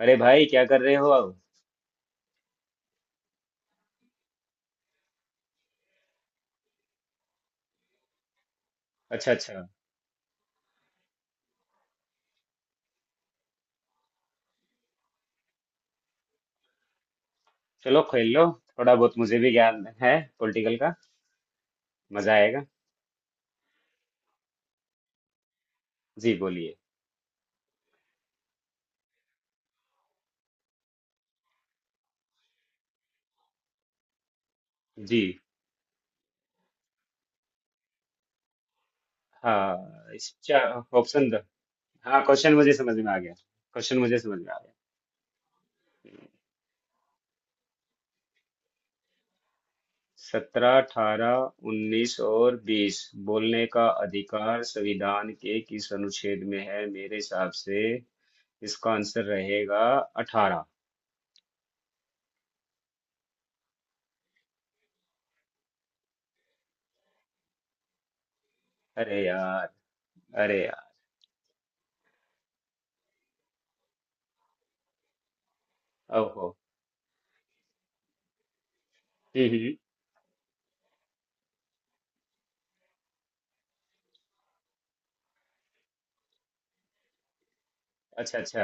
अरे भाई क्या कर रहे हो अब? अच्छा अच्छा। चलो खेल लो। थोड़ा बहुत मुझे भी ज्ञान है पॉलिटिकल का। मजा आएगा। जी बोलिए। जी। हाँ, इसका ऑप्शन दो। हाँ, क्वेश्चन मुझे समझ में आ गया। क्वेश्चन मुझे समझ में आ गया। 17, 18, 19 और 20। बोलने का अधिकार संविधान के किस अनुच्छेद में है, मेरे हिसाब से इसका आंसर रहेगा 18। अरे यार। अरे यार। ओहो। हम्म हम्म, अच्छा अच्छा।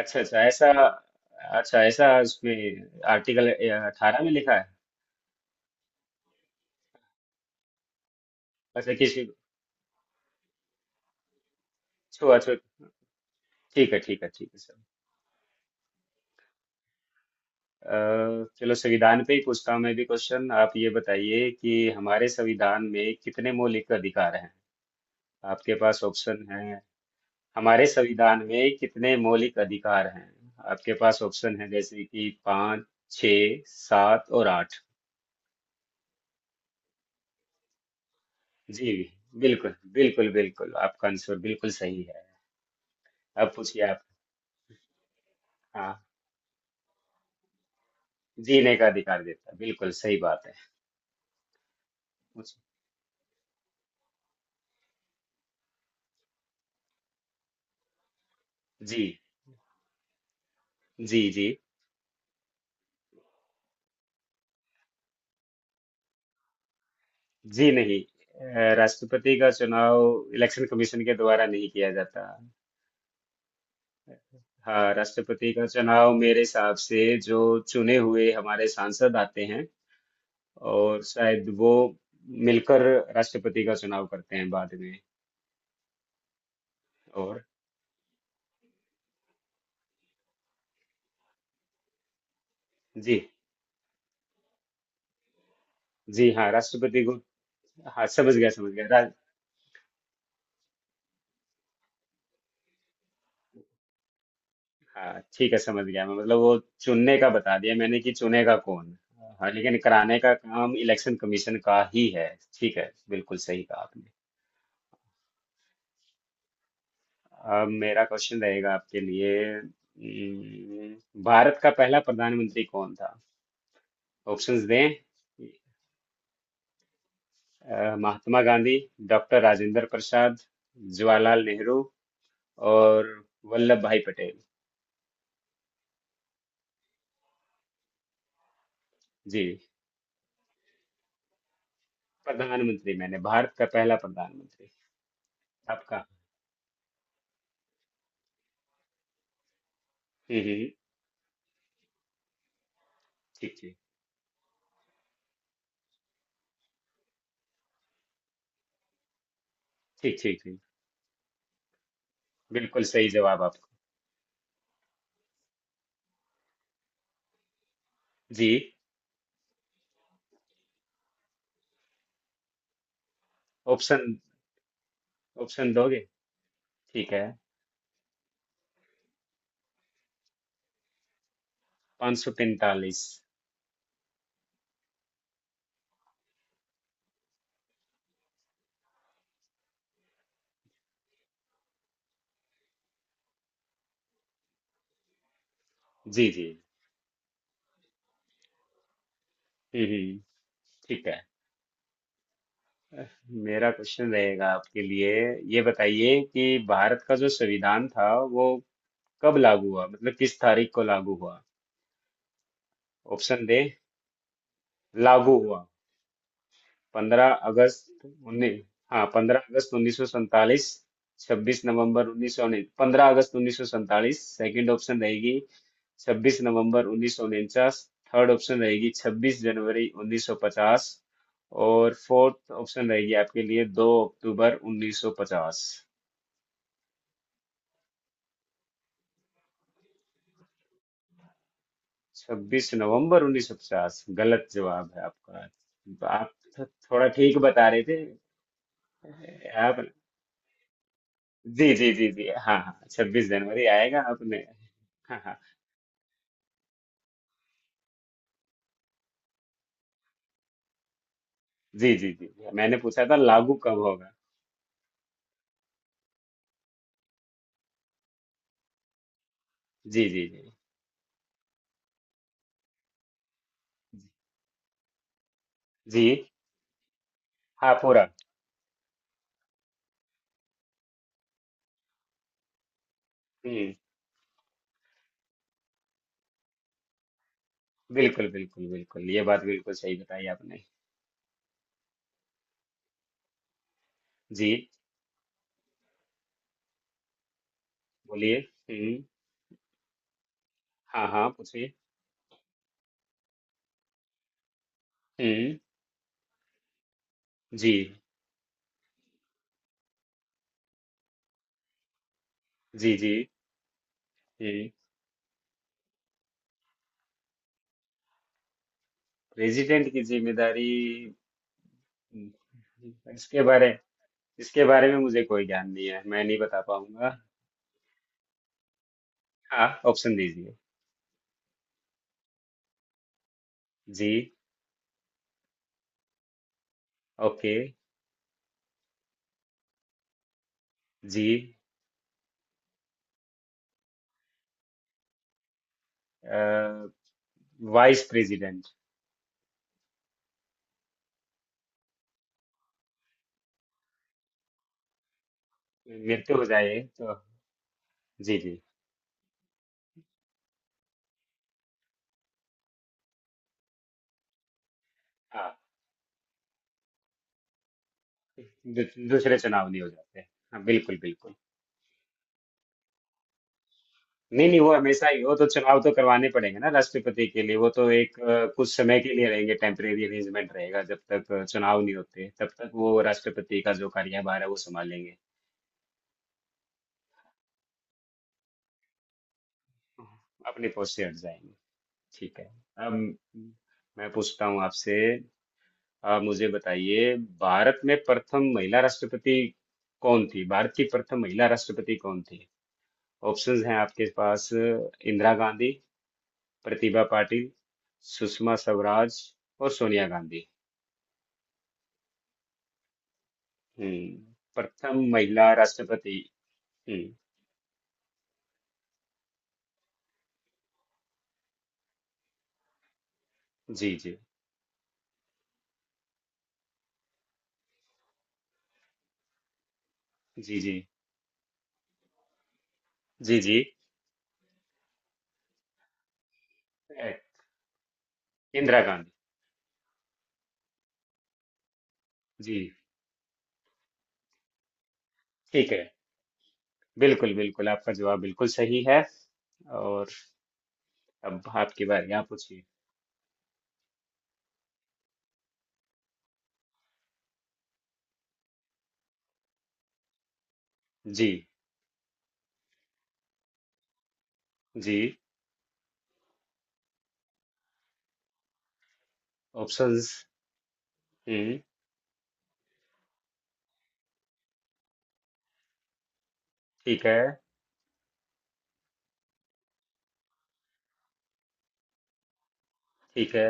अच्छा अच्छा ऐसा। अच्छा ऐसा उसमें आर्टिकल 18 में लिखा है। अच्छा किसी छो अच्छा। ठीक है ठीक है ठीक है सर। चलो संविधान पे ही पूछता हूँ मैं भी क्वेश्चन। आप ये बताइए कि हमारे संविधान में कितने मौलिक अधिकार हैं। आपके पास ऑप्शन है। हमारे संविधान में कितने मौलिक अधिकार हैं? आपके पास ऑप्शन है जैसे कि पाँच, छ, सात और आठ। जी। बिल्कुल बिल्कुल बिल्कुल, आपका आंसर बिल्कुल सही है। अब पूछिए आप। हाँ। जीने का अधिकार देता है, बिल्कुल सही बात है। पूछिए। जी जी जी जी नहीं, राष्ट्रपति का चुनाव इलेक्शन कमीशन के द्वारा नहीं किया जाता। हाँ, राष्ट्रपति का चुनाव मेरे हिसाब से जो चुने हुए हमारे सांसद आते हैं और शायद वो मिलकर राष्ट्रपति का चुनाव करते हैं बाद में। और। जी जी। हाँ, राष्ट्रपति को। हाँ, समझ गया समझ गया। हाँ, ठीक है, समझ गया मैं, मतलब वो चुनने का बता दिया मैंने कि चुनेगा कौन। हाँ, लेकिन कराने का काम इलेक्शन कमीशन का ही है। ठीक है, बिल्कुल सही कहा आपने। अब मेरा क्वेश्चन रहेगा आपके लिए। भारत का पहला प्रधानमंत्री कौन था? ऑप्शंस दें। महात्मा गांधी, डॉक्टर राजेंद्र प्रसाद, जवाहरलाल नेहरू और वल्लभ भाई पटेल। जी। प्रधानमंत्री मैंने, भारत का पहला प्रधानमंत्री। आपका। हम्म हम्म, ठीक ठीक। ठीक ठीक ठीक। बिल्कुल सही जवाब आप। जी। ऑप्शन ऑप्शन दोगे? ठीक है। 543। जी जी। हम्म हम्म, ठीक है। मेरा क्वेश्चन रहेगा आपके लिए। ये बताइए कि भारत का जो संविधान था वो कब लागू हुआ, मतलब किस तारीख को लागू हुआ। ऑप्शन दे, लागू हुआ। 15 अगस्त उन्नीस। हाँ, 15 अगस्त 1947। 26 नवंबर 1919, 15 अगस्त 1947 सेकंड ऑप्शन रहेगी। 26 नवंबर 1949। थर्ड ऑप्शन रहेगी 26 जनवरी 1950। और फोर्थ ऑप्शन रहेगी आपके लिए 2 अक्टूबर 1950। 26 नवंबर 1950 गलत जवाब है आपका। तो आप थोड़ा ठीक बता रहे थे। आप। जी जी जी जी, हाँ हाँ, 26 जनवरी आएगा आपने। हाँ हाँ। जी जी जी जी, मैंने पूछा था लागू कब होगा। जी जी जी। जी। हाँ पूरा। हम्म। बिल्कुल बिल्कुल बिल्कुल, ये बात बिल्कुल सही बताई आपने। जी, बोलिए। हुँ, हाँ, हाँ, पूछिए। हुँ, जी, जी, जी। हुँ, प्रेज़िडेंट की ज़िम्मेदारी। हुँ, इसके बारे इसके बारे में मुझे कोई ज्ञान नहीं है, मैं नहीं बता पाऊँगा। आप ऑप्शन दीजिए। जी, ओके, जी, अ, वाइस प्रेज़िडेंट। मृत्यु हो जाए तो जी, जी, हाँ, दू दूसरे चुनाव नहीं हो जाते। हाँ, बिल्कुल, बिल्कुल। नहीं नहीं, वो हमेशा ही, वो तो चुनाव तो करवाने पड़ेंगे ना राष्ट्रपति के लिए, वो तो एक कुछ समय के लिए रहेंगे, टेम्परेरी अरेंजमेंट रहेगा जब तक चुनाव नहीं होते तब तक वो राष्ट्रपति का जो कार्यभार है वो संभालेंगे। अपने पोस्ट से हट जाएंगे। ठीक है। अब मैं पूछता हूँ आपसे, आप मुझे बताइए, भारत में प्रथम महिला राष्ट्रपति कौन थी? भारत की प्रथम महिला राष्ट्रपति कौन थी? ऑप्शंस हैं आपके पास, इंदिरा गांधी, प्रतिभा पाटिल, सुषमा स्वराज और सोनिया गांधी। प्रथम महिला राष्ट्रपति। हम्म, जी जी। जी जी। जी जी। ए, इंदिरा गांधी जी। ठीक है। बिल्कुल बिल्कुल आपका जवाब बिल्कुल सही है। और, अब आपकी बारी, आप पूछिए। जी। जी। ऑप्शंस। हम्म। ठीक है। ठीक है।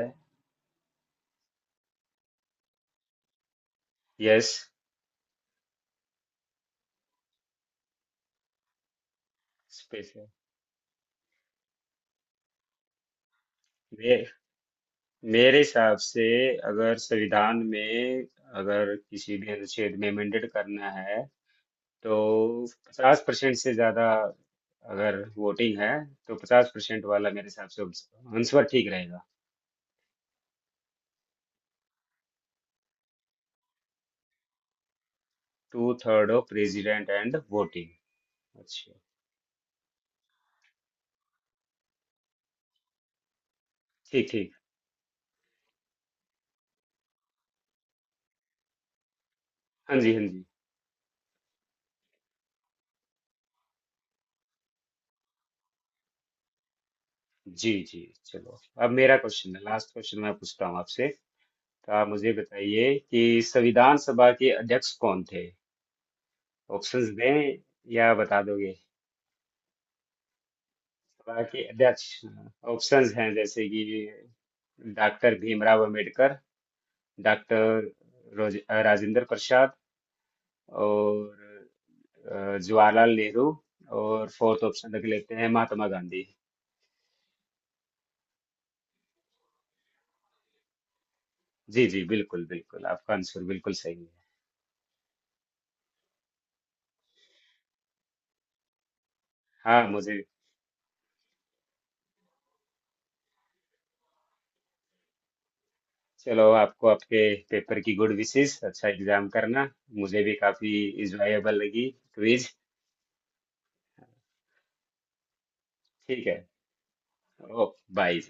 यस। स्पेशल। मे, मेरे हिसाब से, अगर संविधान में, अगर किसी भी अनुच्छेद में अमेंडेड करना है, तो 50% से ज्यादा, अगर वोटिंग है, तो 50% वाला मेरे हिसाब से आंसर ठीक रहेगा। Two third of president and voting. अच्छा, ठीक ठीक। हाँ जी, हाँ जी। जी जी, चलो अब मेरा क्वेश्चन है। लास्ट क्वेश्चन मैं पूछता हूँ आपसे। तो आप मुझे बताइए कि संविधान सभा के अध्यक्ष कौन थे? ऑप्शंस दें या बता दोगे? सभा के अध्यक्ष। ऑप्शंस हैं जैसे कि डॉक्टर भीमराव अंबेडकर, डॉक्टर राजेंद्र प्रसाद और जवाहरलाल नेहरू। और फोर्थ ऑप्शन रख लेते हैं महात्मा गांधी। जी जी, बिल्कुल बिल्कुल आपका आंसर बिल्कुल सही है। हाँ, मुझे, चलो आपको आपके पेपर की गुड विशेस, अच्छा एग्जाम करना। मुझे भी काफी इंजॉयबल लगी क्विज। ठीक है, ओके, बाय।